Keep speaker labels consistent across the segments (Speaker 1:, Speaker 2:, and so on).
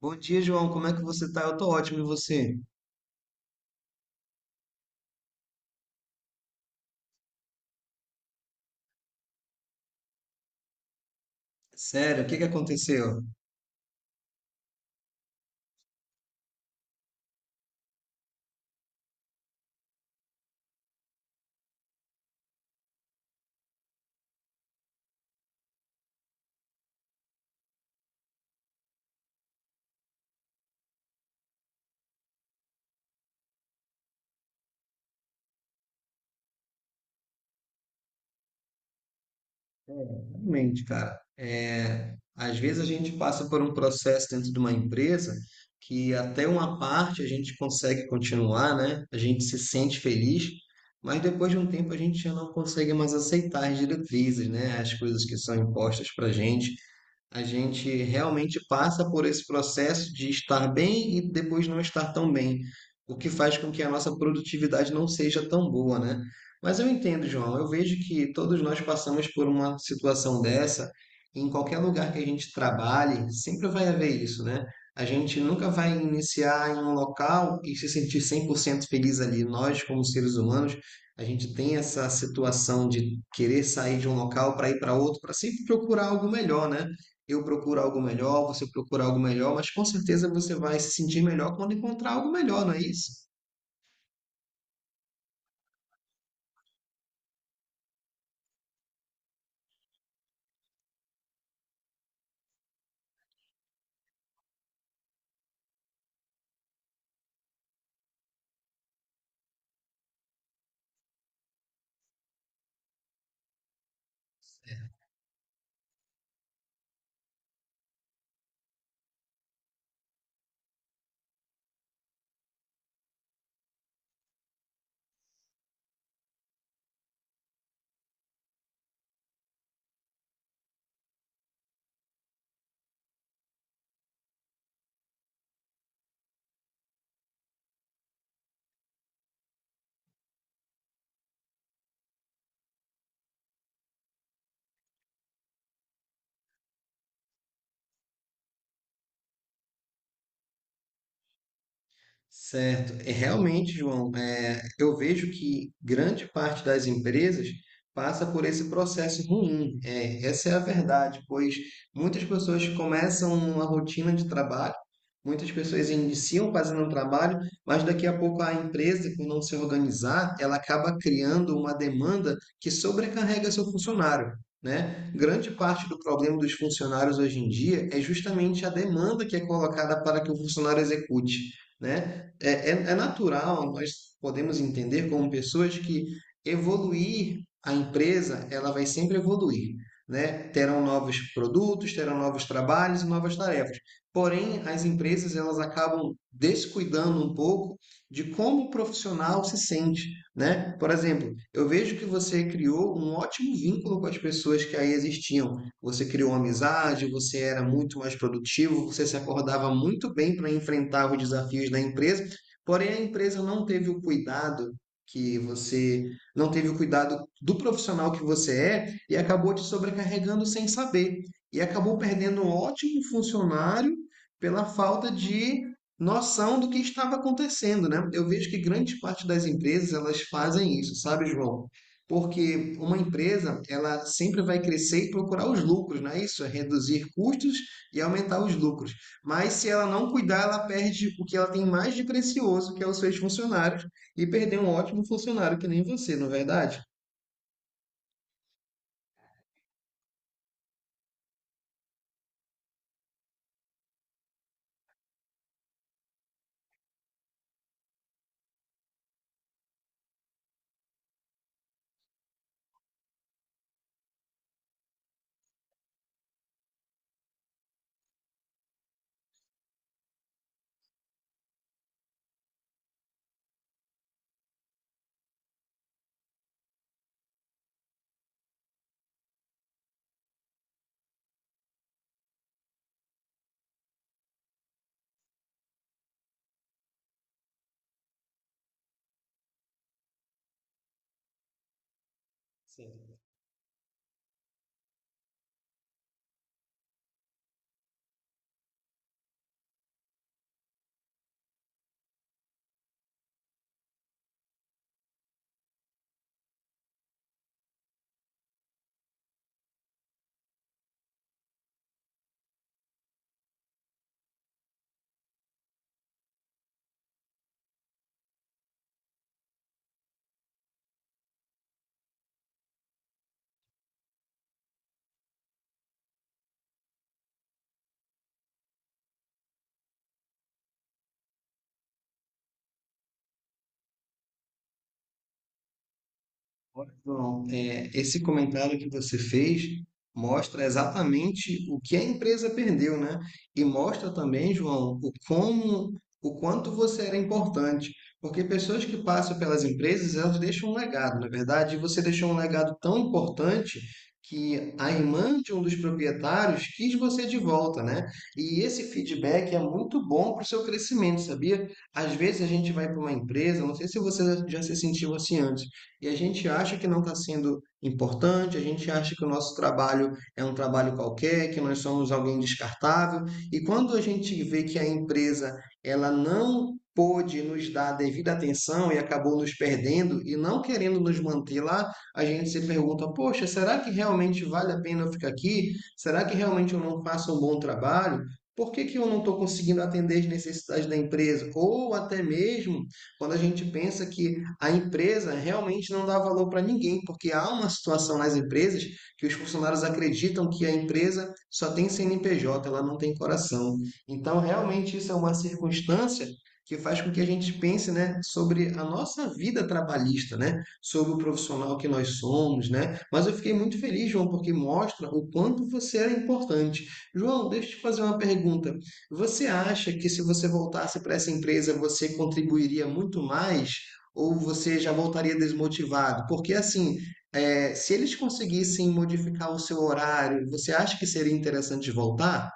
Speaker 1: Bom dia, João. Como é que você tá? Eu tô ótimo, e você? Sério, o que que aconteceu? Realmente, cara, é, às vezes a gente passa por um processo dentro de uma empresa que até uma parte a gente consegue continuar, né? A gente se sente feliz, mas depois de um tempo a gente já não consegue mais aceitar as diretrizes, né? As coisas que são impostas pra gente. A gente realmente passa por esse processo de estar bem e depois não estar tão bem, o que faz com que a nossa produtividade não seja tão boa, né? Mas eu entendo, João, eu vejo que todos nós passamos por uma situação dessa, e em qualquer lugar que a gente trabalhe, sempre vai haver isso, né? A gente nunca vai iniciar em um local e se sentir 100% feliz ali. Nós, como seres humanos, a gente tem essa situação de querer sair de um local para ir para outro, para sempre procurar algo melhor, né? Eu procuro algo melhor, você procura algo melhor, mas com certeza você vai se sentir melhor quando encontrar algo melhor, não é isso? Certo. É, realmente, João, é, eu vejo que grande parte das empresas passa por esse processo ruim. É, essa é a verdade, pois muitas pessoas começam uma rotina de trabalho, muitas pessoas iniciam fazendo um trabalho, mas daqui a pouco a empresa, por não se organizar, ela acaba criando uma demanda que sobrecarrega seu funcionário. Né? Grande parte do problema dos funcionários hoje em dia é justamente a demanda que é colocada para que o funcionário execute, né? É natural, nós podemos entender como pessoas que evoluir a empresa, ela vai sempre evoluir, né? Terão novos produtos, terão novos trabalhos, e novas tarefas. Porém, as empresas elas acabam descuidando um pouco de como o profissional se sente, né? Por exemplo, eu vejo que você criou um ótimo vínculo com as pessoas que aí existiam. Você criou amizade, você era muito mais produtivo, você se acordava muito bem para enfrentar os desafios da empresa. Porém, a empresa não teve o cuidado que você não teve o cuidado do profissional que você é e acabou te sobrecarregando sem saber. E acabou perdendo um ótimo funcionário pela falta de noção do que estava acontecendo, né? Eu vejo que grande parte das empresas elas fazem isso, sabe, João? Porque uma empresa, ela sempre vai crescer e procurar os lucros, não é isso? É reduzir custos e aumentar os lucros. Mas se ela não cuidar, ela perde o que ela tem mais de precioso, que é os seus funcionários, e perder um ótimo funcionário que nem você, não é verdade? Sim. Olha, João, é, esse comentário que você fez mostra exatamente o que a empresa perdeu, né? E mostra também, João, o como, o quanto você era importante. Porque pessoas que passam pelas empresas, elas deixam um legado, na verdade, e você deixou um legado tão importante que a irmã de um dos proprietários quis você de volta, né? E esse feedback é muito bom para o seu crescimento, sabia? Às vezes a gente vai para uma empresa, não sei se você já se sentiu assim antes, e a gente acha que não está sendo importante, a gente acha que o nosso trabalho é um trabalho qualquer, que nós somos alguém descartável, e quando a gente vê que a empresa ela não pôde nos dar a devida atenção e acabou nos perdendo e não querendo nos manter lá, a gente se pergunta: poxa, será que realmente vale a pena eu ficar aqui? Será que realmente eu não faço um bom trabalho? Por que, que eu não estou conseguindo atender as necessidades da empresa? Ou até mesmo quando a gente pensa que a empresa realmente não dá valor para ninguém, porque há uma situação nas empresas que os funcionários acreditam que a empresa só tem CNPJ, ela não tem coração. Então, realmente, isso é uma circunstância que faz com que a gente pense, né, sobre a nossa vida trabalhista, né, sobre o profissional que nós somos, né. Mas eu fiquei muito feliz, João, porque mostra o quanto você é importante. João, deixa eu te fazer uma pergunta. Você acha que se você voltasse para essa empresa, você contribuiria muito mais ou você já voltaria desmotivado? Porque assim, é, se eles conseguissem modificar o seu horário, você acha que seria interessante voltar?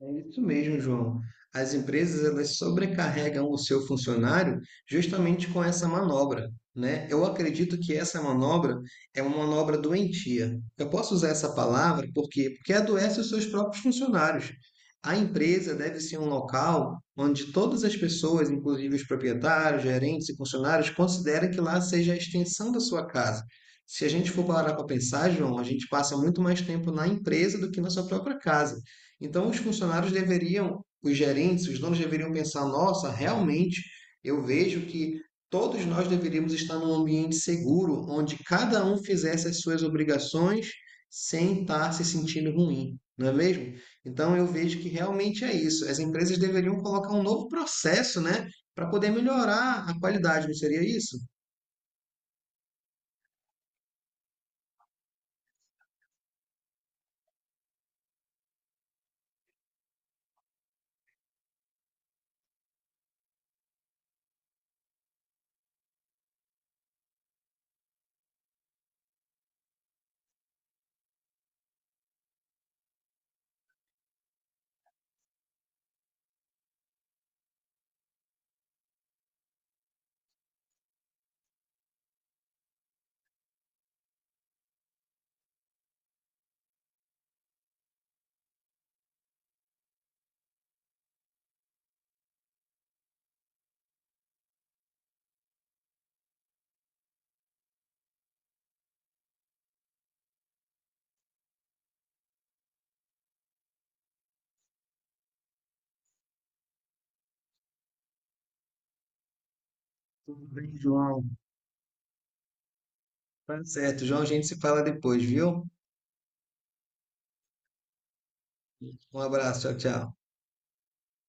Speaker 1: É isso mesmo, João. As empresas elas sobrecarregam o seu funcionário justamente com essa manobra, né? Eu acredito que essa manobra é uma manobra doentia. Eu posso usar essa palavra porque adoece os seus próprios funcionários. A empresa deve ser um local onde todas as pessoas, inclusive os proprietários, gerentes e funcionários, considerem que lá seja a extensão da sua casa. Se a gente for parar para pensar, João, a gente passa muito mais tempo na empresa do que na sua própria casa. Então, os funcionários deveriam, os gerentes, os donos deveriam pensar: nossa, realmente eu vejo que todos nós deveríamos estar num ambiente seguro, onde cada um fizesse as suas obrigações sem estar se sentindo ruim, não é mesmo? Então, eu vejo que realmente é isso. As empresas deveriam colocar um novo processo, né, para poder melhorar a qualidade, não seria isso? Tudo bem, João. Tá certo, João, a gente se fala depois, viu? Um abraço, tchau, tchau.